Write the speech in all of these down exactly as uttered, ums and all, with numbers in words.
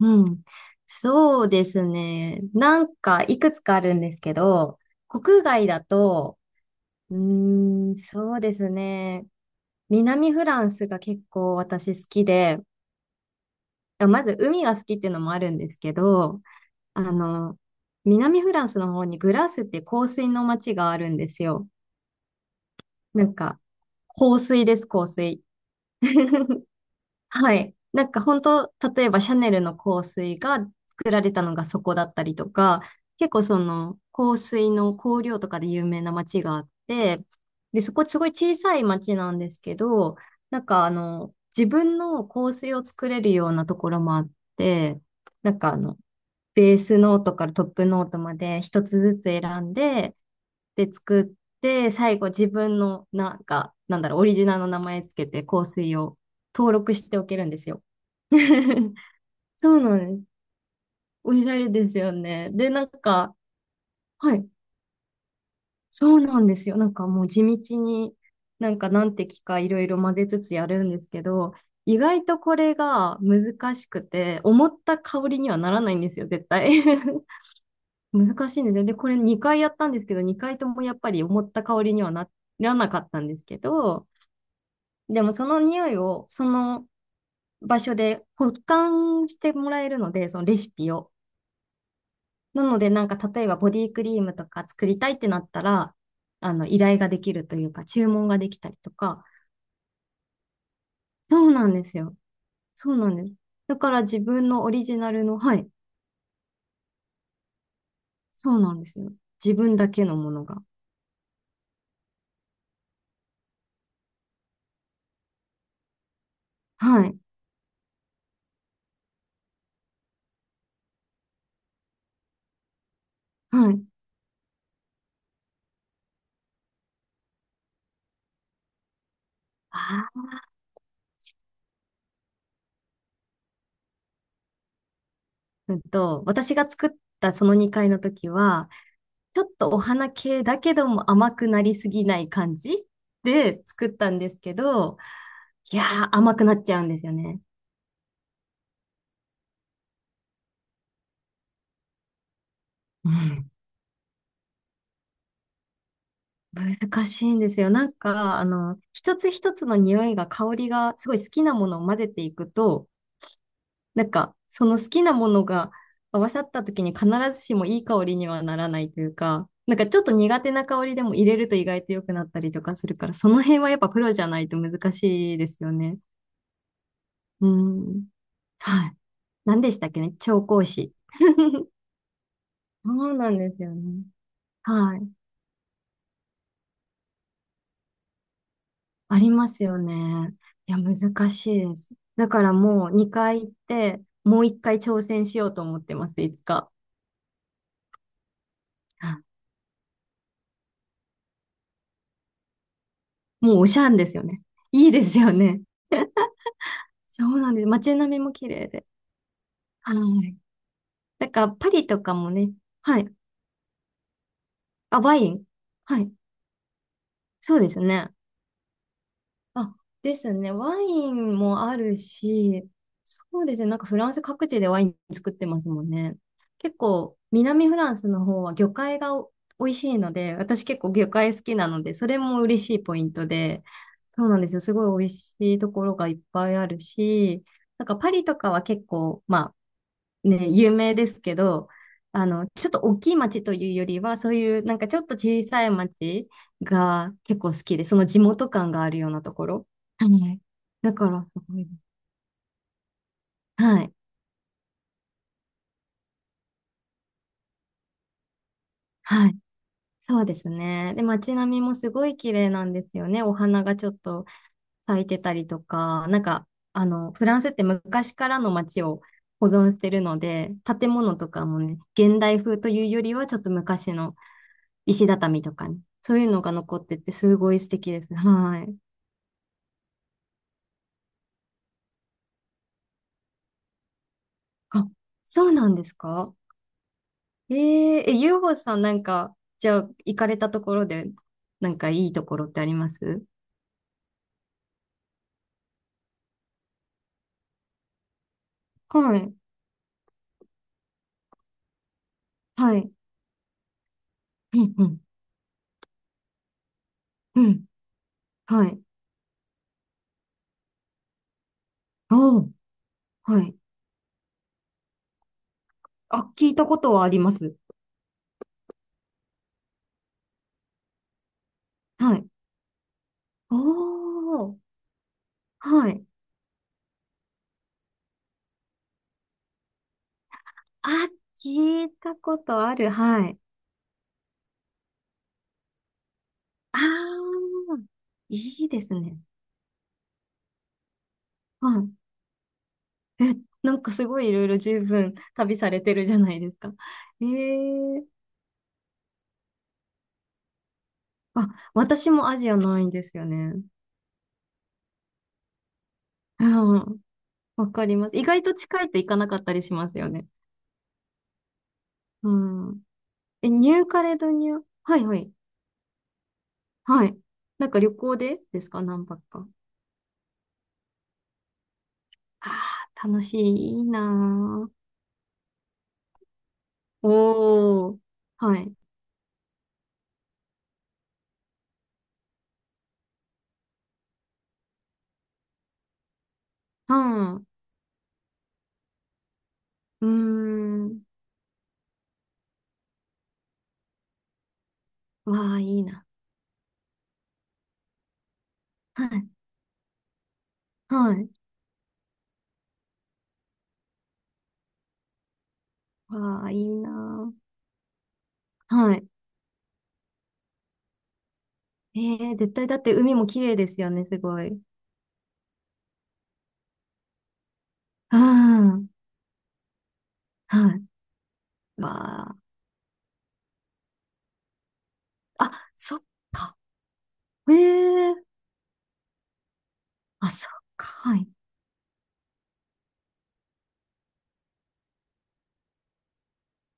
うん。そうですね。なんか、いくつかあるんですけど、国外だと、うーん、そうですね。南フランスが結構私好きで、あまず海が好きっていうのもあるんですけど、あの、南フランスの方にグラスって香水の街があるんですよ。なんか、香水です、香水。はい。なんか本当、例えばシャネルの香水が作られたのがそこだったりとか、結構その香水の香料とかで有名な街があって、で、そこすごい小さい街なんですけど、なんかあの、自分の香水を作れるようなところもあって、なんかあの、ベースノートからトップノートまで一つずつ選んで、で作って、最後自分の、なんか、なんだろう、オリジナルの名前つけて香水を登録しておけるんですよ。そうなんです。おしゃれですよね。で、なんか、はい、そうなんですよ。なんかもう地道に、なんか何滴かいろいろ混ぜつつやるんですけど、意外とこれが難しくて、思った香りにはならないんですよ、絶対。難しいんですよ。で、これにかいやったんですけど、にかいともやっぱり思った香りにはならなかったんですけど、でもその匂いをその場所で保管してもらえるので、そのレシピを。なのでなんか例えばボディクリームとか作りたいってなったら、あの依頼ができるというか注文ができたりとか。そうなんですよ。そうなんです。だから自分のオリジナルの、はい。そうなんですよ。自分だけのものが。はい。はい。あーうんと、私が作ったそのにかいの時は、ちょっとお花系だけども甘くなりすぎない感じで作ったんですけど、いやー甘くなっちゃうんですよね。うん。難しいんですよ。なんか、あの、一つ一つの匂いが、香りが、すごい好きなものを混ぜていくと、なんか、その好きなものが合わさった時に必ずしもいい香りにはならないというか、なんかちょっと苦手な香りでも入れると意外と良くなったりとかするから、その辺はやっぱプロじゃないと難しいですよね。うん。はい。何でしたっけね調香師。そうなんですよね。はい。ありますよね。いや、難しいです。だからもうにかい行って、もういっかい挑戦しようと思ってます、いつか。はい。もうおしゃんですよね。いいですよね。そうなんです。街並みも綺麗で。はい。だからパリとかもね。はい。あ、ワイン。はい。そうですね。あ、ですね。ワインもあるし、そうですね。なんかフランス各地でワイン作ってますもんね。結構、南フランスの方は魚介がお美味しいので、私結構魚介好きなので、それも嬉しいポイントで、そうなんですよ。すごい美味しいところがいっぱいあるし、なんかパリとかは結構、まね、有名ですけど、あの、ちょっと大きい町というよりは、そういうなんかちょっと小さい町が結構好きで、その地元感があるようなところ。はい。だから、すごいです。はい。はい。そうですね。で、街並みもすごい綺麗なんですよね。お花がちょっと咲いてたりとか、なんか、あの、フランスって昔からの街を保存してるので、建物とかもね、現代風というよりは、ちょっと昔の石畳とかね。そういうのが残ってて、すごい素敵です。はい。あ、そうなんですか？えー、え、ゆうほさんなんか、じゃあ、行かれたところで、なんかいいところってあります？はい。はい。うん、うん、うん。はい。おー、はい。あ、聞いたことはあります。はい。おー、はい。あ、聞いたことある。はい。あー、いいですね。はい。なんかすごいいろいろ十分旅されてるじゃないですか。ええ、あ、私もアジアないんですよね。うん。わかります。意外と近いと行かなかったりしますよね。うん。え、ニューカレドニア。はいはい。はい。なんか旅行でですか？何泊か。ああ、楽しい。いいなー。おー。はい。うん。うーん。わあ、いいな。はい。はい。わあ、いいなー。はい。えー、絶対だって海も綺麗ですよね、すごい。うん。はい。まあ、あ、そっか。ええ、あ、そっか。はい。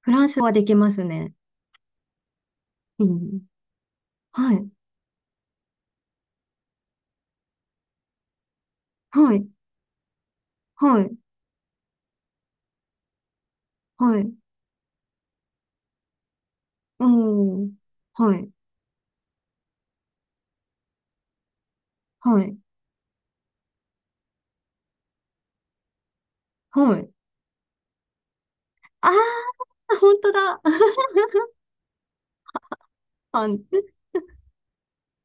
フランスはできますね。うん。はい。はい。はい。はい。うん。はい。はい。はい。ああ、本当だ。あ、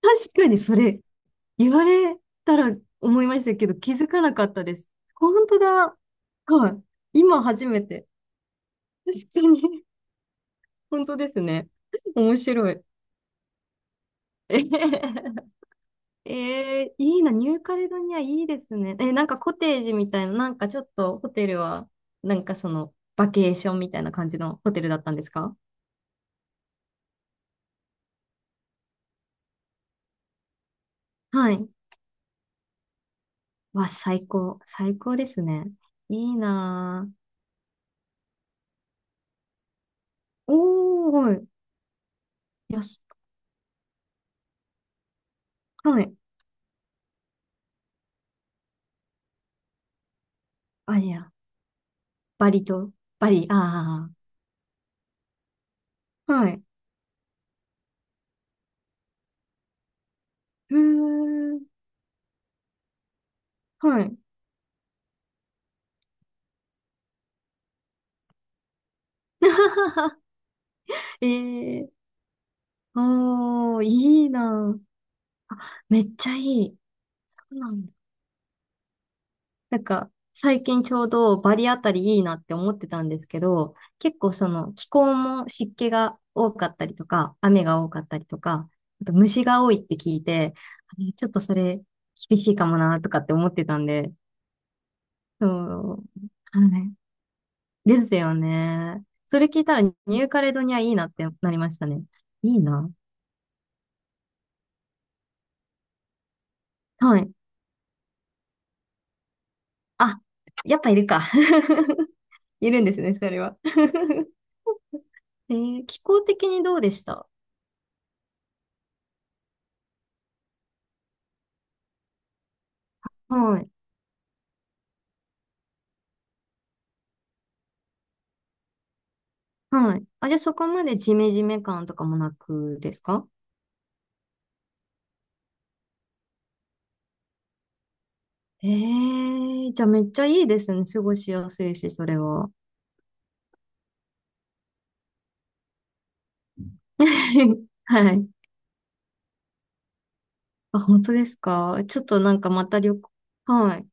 確かにそれ、言われたら思いましたけど、気づかなかったです。本当だ。はい。今初めて。確かに。本当ですね。面白い。えへへ、へえー、いいな、ニューカレドニアいいですね。え、なんかコテージみたいな、なんかちょっとホテルは、なんかその、バケーションみたいな感じのホテルだったんですか？はい。わ、最高。最高ですね。いいなぁ。おー、よし。はい。あ、いや、バリと、バリ、ああ、はい。うーん、はい。えー、おー、いいなぁ。めっちゃいい。そうなんだ。なんか、最近ちょうどバリあたりいいなって思ってたんですけど、結構その気候も湿気が多かったりとか、雨が多かったりとか、あと虫が多いって聞いて、あれちょっとそれ厳しいかもなとかって思ってたんで、そう、はい。ですよね。それ聞いたらニューカレドニアいいなってなりましたね。いいな。はい。あ、やっぱいるか。いるんですね、それは。えー気候的にどうでした？はい。はい。あ、じゃあそこまでジメジメ感とかもなくですか？ええーじゃあめっちゃいいですね。過ごしやすいし、それは。はい。あ、本当ですか？ちょっとなんかまた旅行、はい。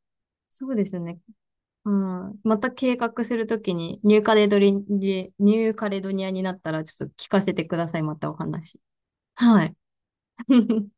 そうですね。うん。また計画するときに、ニューカレドリ、ニューカレドニアになったら、ちょっと聞かせてください。またお話。はい。